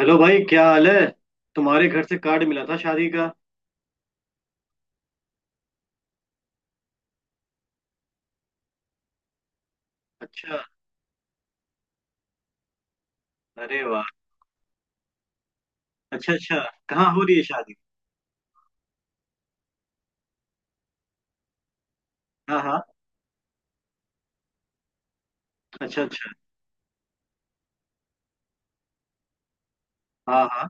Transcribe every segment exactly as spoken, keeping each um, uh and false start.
Hello भाई, क्या हाल है। तुम्हारे घर से कार्ड मिला था शादी का। अच्छा। अरे वाह। अच्छा अच्छा। कहाँ हो रही है शादी? हाँ हाँ। अच्छा अच्छा। हाँ हाँ।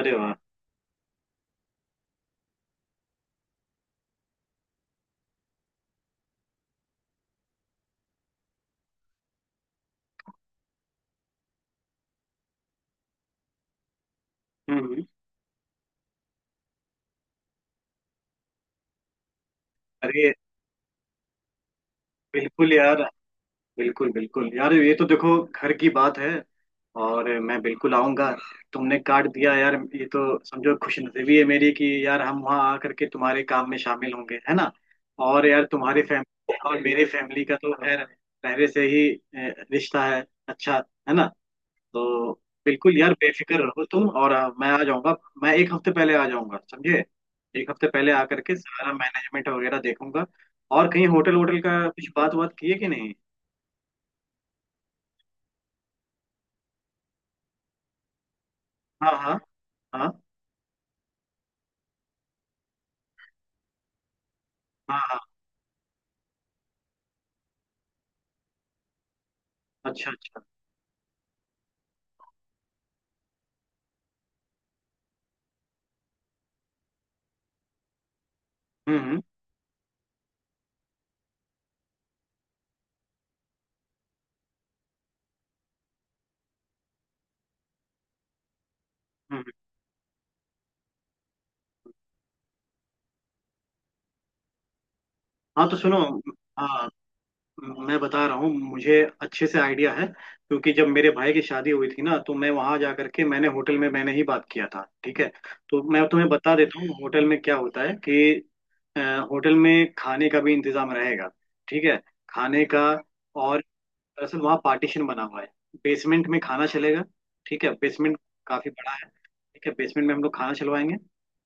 अरे वाह। हम्म हम्म। अरे बिल्कुल यार, बिल्कुल बिल्कुल यार, ये तो देखो घर की बात है। और मैं बिल्कुल आऊंगा। तुमने कार्ड दिया यार, ये तो समझो खुशनसीबी है मेरी कि यार हम वहाँ आकर के तुम्हारे काम में शामिल होंगे, है ना। और यार तुम्हारी फैमिली और मेरी फैमिली का तो खैर पहले से ही अ, रिश्ता है अच्छा। है ना। तो बिल्कुल यार, बेफिक्र रहो तुम और आ, मैं आ जाऊंगा। मैं एक हफ्ते पहले आ जाऊंगा समझे। एक हफ्ते पहले आकर के सारा मैनेजमेंट वगैरह देखूंगा। और कहीं होटल होटल का कुछ बात बात की है कि नहीं। हाँ हाँ। हाँ। हाँ हाँ। अच्छा अच्छा। हम्म हम्म हम्म। हम्म। हाँ तो सुनो। हाँ मैं बता रहा हूँ, मुझे अच्छे से आइडिया है क्योंकि जब मेरे भाई की शादी हुई थी ना तो मैं वहां जा करके मैंने होटल में मैंने ही बात किया था। ठीक है। तो मैं तुम्हें बता देता हूँ होटल में क्या होता है कि अ, होटल में खाने का भी इंतजाम रहेगा। ठीक है। खाने का। और दरअसल वहाँ पार्टीशन बना हुआ है। बेसमेंट में खाना चलेगा। ठीक है, बेसमेंट काफी बड़ा है। ठीक है, बेसमेंट में हम लोग खाना चलवाएंगे।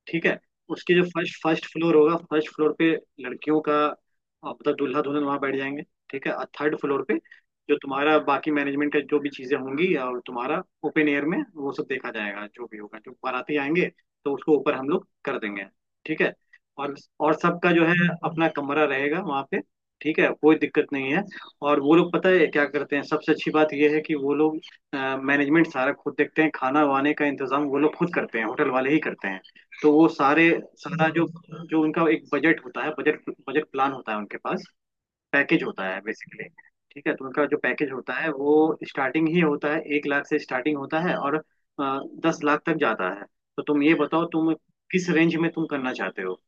ठीक है। उसके जो फर्स्ट फर्स्ट फ्लोर होगा, फर्स्ट फ्लोर पे लड़कियों का अ, मतलब दूल्हा दुल्हन वहाँ बैठ जाएंगे। ठीक है। और थर्ड फ्लोर पे जो तुम्हारा बाकी मैनेजमेंट का जो भी चीजें होंगी और तुम्हारा ओपन एयर में वो सब देखा जाएगा, जो भी होगा, जो बाराती आएंगे तो उसको ऊपर हम लोग कर देंगे। ठीक है। और और सबका जो है अपना कमरा रहेगा वहाँ पे। ठीक है, कोई दिक्कत नहीं है। और वो लोग पता है क्या करते हैं, सबसे अच्छी बात ये है कि वो लोग मैनेजमेंट सारा खुद देखते हैं, खाना वाने का इंतजाम वो लोग खुद करते हैं, होटल वाले ही करते हैं। तो वो सारे सारा जो जो उनका एक बजट होता है, बजट बजट प्लान होता है उनके पास। पैकेज होता है बेसिकली। ठीक है। तो उनका जो पैकेज होता है वो स्टार्टिंग ही होता है, एक लाख से स्टार्टिंग होता है और अ, दस लाख तक जाता है। तो तुम ये बताओ, तुम किस रेंज में तुम करना चाहते हो।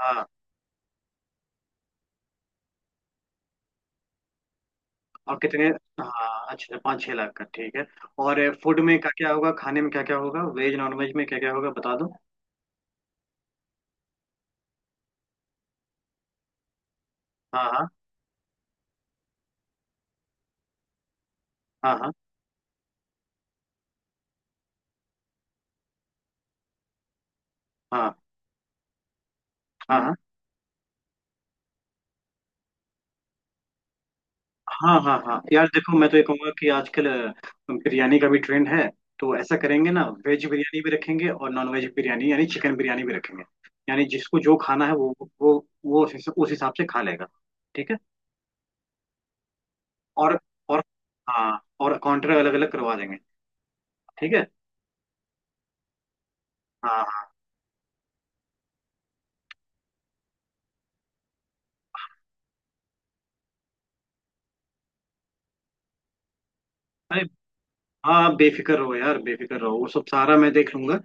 हाँ। और कितने। हाँ अच्छा, पाँच छः लाख का ठीक है। और फूड में क्या क्या होगा, खाने में क्या क्या होगा, वेज नॉन वेज में क्या क्या होगा बता दो। हाँ हाँ। हाँ हाँ। हाँ हाँ। हाँ हाँ। हाँ हाँ। यार देखो, मैं तो ये कहूँगा कि आजकल अ, बिरयानी का भी ट्रेंड है। तो ऐसा करेंगे ना, वेज बिरयानी भी रखेंगे और नॉन वेज बिरयानी यानी चिकन बिरयानी भी रखेंगे। यानी जिसको जो खाना है वो वो वो उस हिसाब उस हिसाब से खा लेगा। ठीक है। और और हाँ, और काउंटर अलग अलग करवा देंगे। ठीक है। हाँ हाँ। अरे हाँ, आप बेफिक्र रहो यार, बेफिक्र रहो, वो सब सारा मैं देख लूंगा।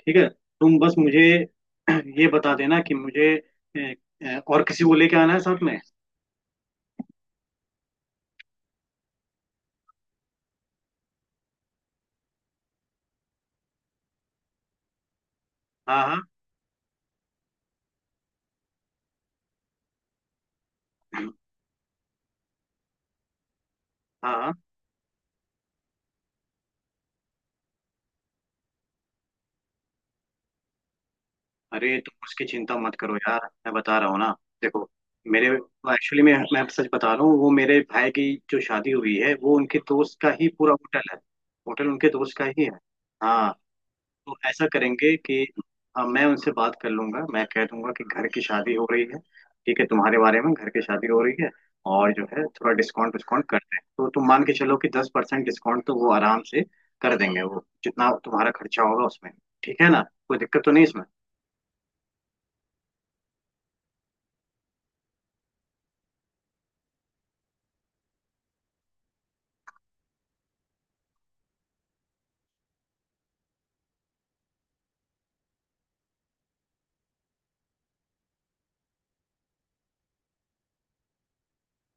ठीक है, तुम बस मुझे ये बता देना कि मुझे ए, ए, और किसी को लेके आना है साथ में। हाँ हाँ हाँ हाँ। अरे तुम उसकी चिंता मत करो यार। मैं बता रहा हूँ ना, देखो मेरे एक्चुअली मैं मैं सच बता रहा हूँ, वो मेरे भाई की जो शादी हुई है वो उनके दोस्त का ही पूरा होटल है। होटल उनके दोस्त का ही है। हाँ। तो ऐसा करेंगे कि हाँ, मैं उनसे बात कर लूंगा, मैं कह दूंगा कि घर की शादी हो रही है। ठीक है, तुम्हारे बारे में घर की शादी हो रही है। और जो है थोड़ा डिस्काउंट विस्काउंट करते हैं, तो तुम मान के चलो कि दस परसेंट डिस्काउंट तो वो आराम से कर देंगे, वो जितना तुम्हारा खर्चा होगा उसमें। ठीक है ना। कोई दिक्कत तो नहीं इसमें।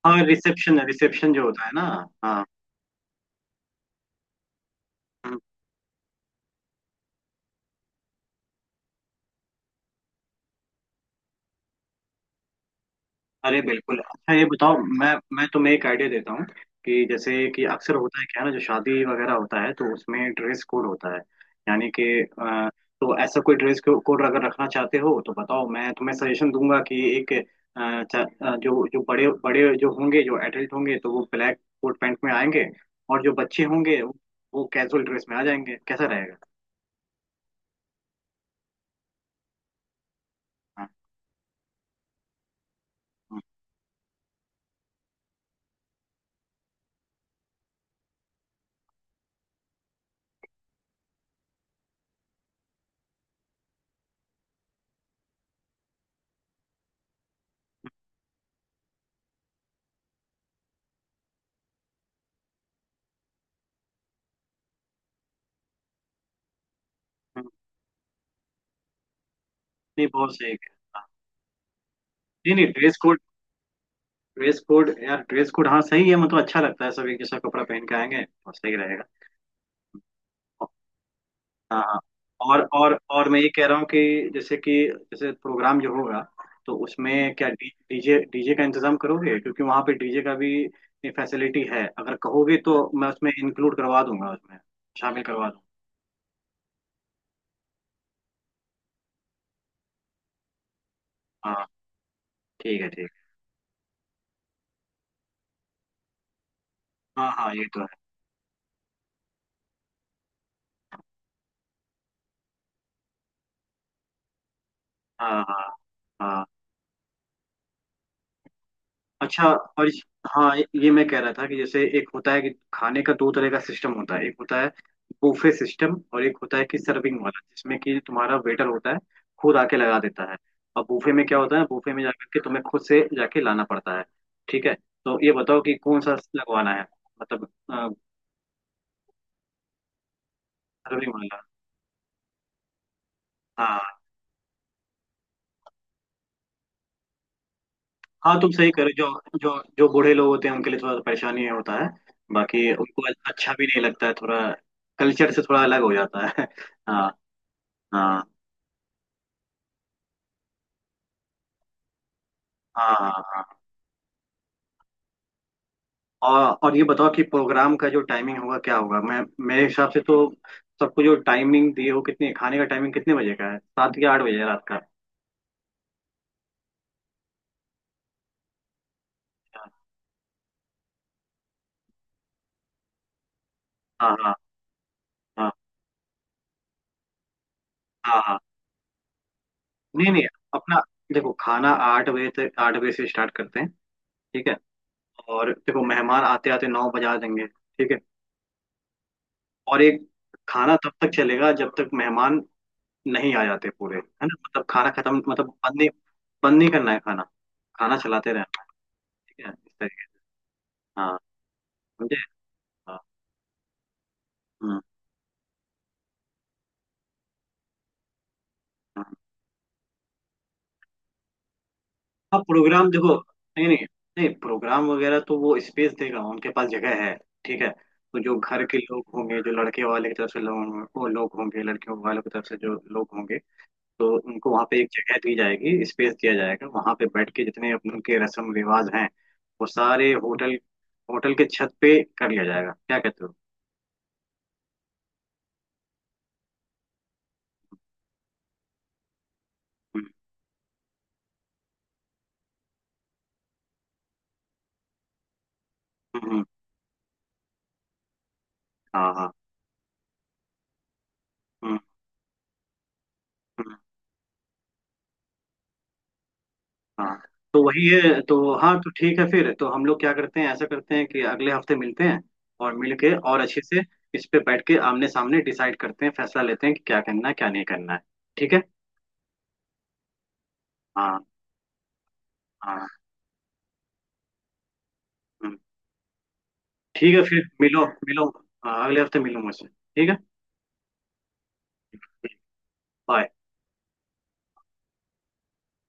और रिसेप्शन रिसेप्शन जो होता है ना। हाँ। हम्म। अरे बिल्कुल। अच्छा ये बताओ, मैं मैं तुम्हें एक आइडिया देता हूँ कि जैसे कि अक्सर होता है क्या है ना, जो शादी वगैरह होता है तो उसमें ड्रेस कोड होता है, यानी कि अ, तो ऐसा कोई ड्रेस कोड अगर रखना चाहते हो तो बताओ, मैं तुम्हें सजेशन दूंगा कि एक अ, चा- अ, जो जो बड़े बड़े जो होंगे, जो एडल्ट होंगे तो वो ब्लैक कोट पैंट में आएंगे। और जो बच्चे होंगे वो, वो कैजुअल ड्रेस में आ जाएंगे। कैसा रहेगा। हाँ, हाँ, हाँ। नहीं बहुत सही है। हाँ। नहीं नहीं, ड्रेस कोड, ड्रेस कोड यार, ड्रेस कोड हाँ सही है, मतलब अच्छा लगता है सब एक जैसा कपड़ा पहन के आएंगे और सही रहेगा। हाँ हाँ। और और और मैं ये कह रहा हूँ कि जैसे कि जैसे प्रोग्राम जो होगा तो उसमें क्या डीजे डीजे का इंतजाम करोगे, क्योंकि वहाँ पे डीजे का भी फैसिलिटी है, अगर कहोगे तो मैं उसमें इंक्लूड करवा दूंगा, उसमें शामिल करवा दूंगा। हाँ। ठीक है ठीक है। हाँ हाँ ये तो है। हाँ हाँ। हाँ अच्छा। और इस- हाँ, ये मैं कह रहा था कि जैसे एक होता है कि खाने का दो तरह का सिस्टम होता है, एक होता है बुफे सिस्टम और एक होता है कि सर्विंग वाला जिसमें कि तुम्हारा वेटर होता है खुद आके लगा देता है। और बुफे में क्या होता है, बुफे में जाकर के तुम्हें खुद से जाके लाना पड़ता है। ठीक है। तो ये बताओ कि कौन सा लगवाना है मतलब। सर्विंग वाला। हाँ। हाँ तुम सही करो, जो जो जो बूढ़े लोग होते हैं उनके लिए थोड़ा परेशानी होता है, बाकी उनको अच्छा भी नहीं लगता है, थोड़ा कल्चर से थोड़ा अलग हो जाता है हाँ। हाँ। हाँ। हाँ। और और ये बताओ कि प्रोग्राम का जो टाइमिंग होगा क्या होगा। मैं, मेरे हिसाब से तो सबको जो टाइमिंग दी हो कितनी, खाने का टाइमिंग कितने बजे का है, सात या आठ बजे है रात का। हाँ हाँ। हाँ हाँ। हाँ। नहीं नहीं। अपना देखो, खाना आठ बजे तक, आठ बजे से स्टार्ट करते हैं। ठीक है। और देखो मेहमान आते आते नौ बजा देंगे। ठीक है। और एक खाना तब तक चलेगा जब तक मेहमान नहीं आ जाते पूरे, है ना, मतलब खाना खत्म, मतलब बंद नहीं। बंद नहीं करना है खाना, खाना चलाते रहना। ठीक है इस तरीके। हाँ। समझे। हाँ। हाँ हाँ, प्रोग्राम देखो। नहीं नहीं। नहीं प्रोग्राम वगैरह तो वो स्पेस देगा, उनके पास जगह है। ठीक है। तो जो घर के लोग होंगे, जो लड़के वाले की तरफ से लोग वो लोग होंगे, लड़कियों वालों की तरफ से जो लोग होंगे, तो उनको वहाँ पे एक जगह दी जाएगी, स्पेस दिया जाएगा वहाँ पे, बैठ के जितने अपन के रस्म रिवाज हैं वो सारे होटल होटल के छत पे कर लिया जाएगा। क्या कहते हो। हम्म हम्म हम्म, हाँ हाँ। हम्म हम्म। हाँ तो वही है। तो हाँ तो ठीक है फिर, तो हम लोग क्या करते हैं, ऐसा करते हैं कि अगले हफ्ते मिलते हैं और मिल के और अच्छे से इस पे बैठ के आमने सामने डिसाइड करते हैं, फैसला लेते हैं कि क्या करना है क्या नहीं करना है। ठीक है। हाँ। हाँ। हम्म, ठीक है फिर मिलो मिलो। हाँ, अगले हफ्ते मिलो मुझसे ठीक है। बाय।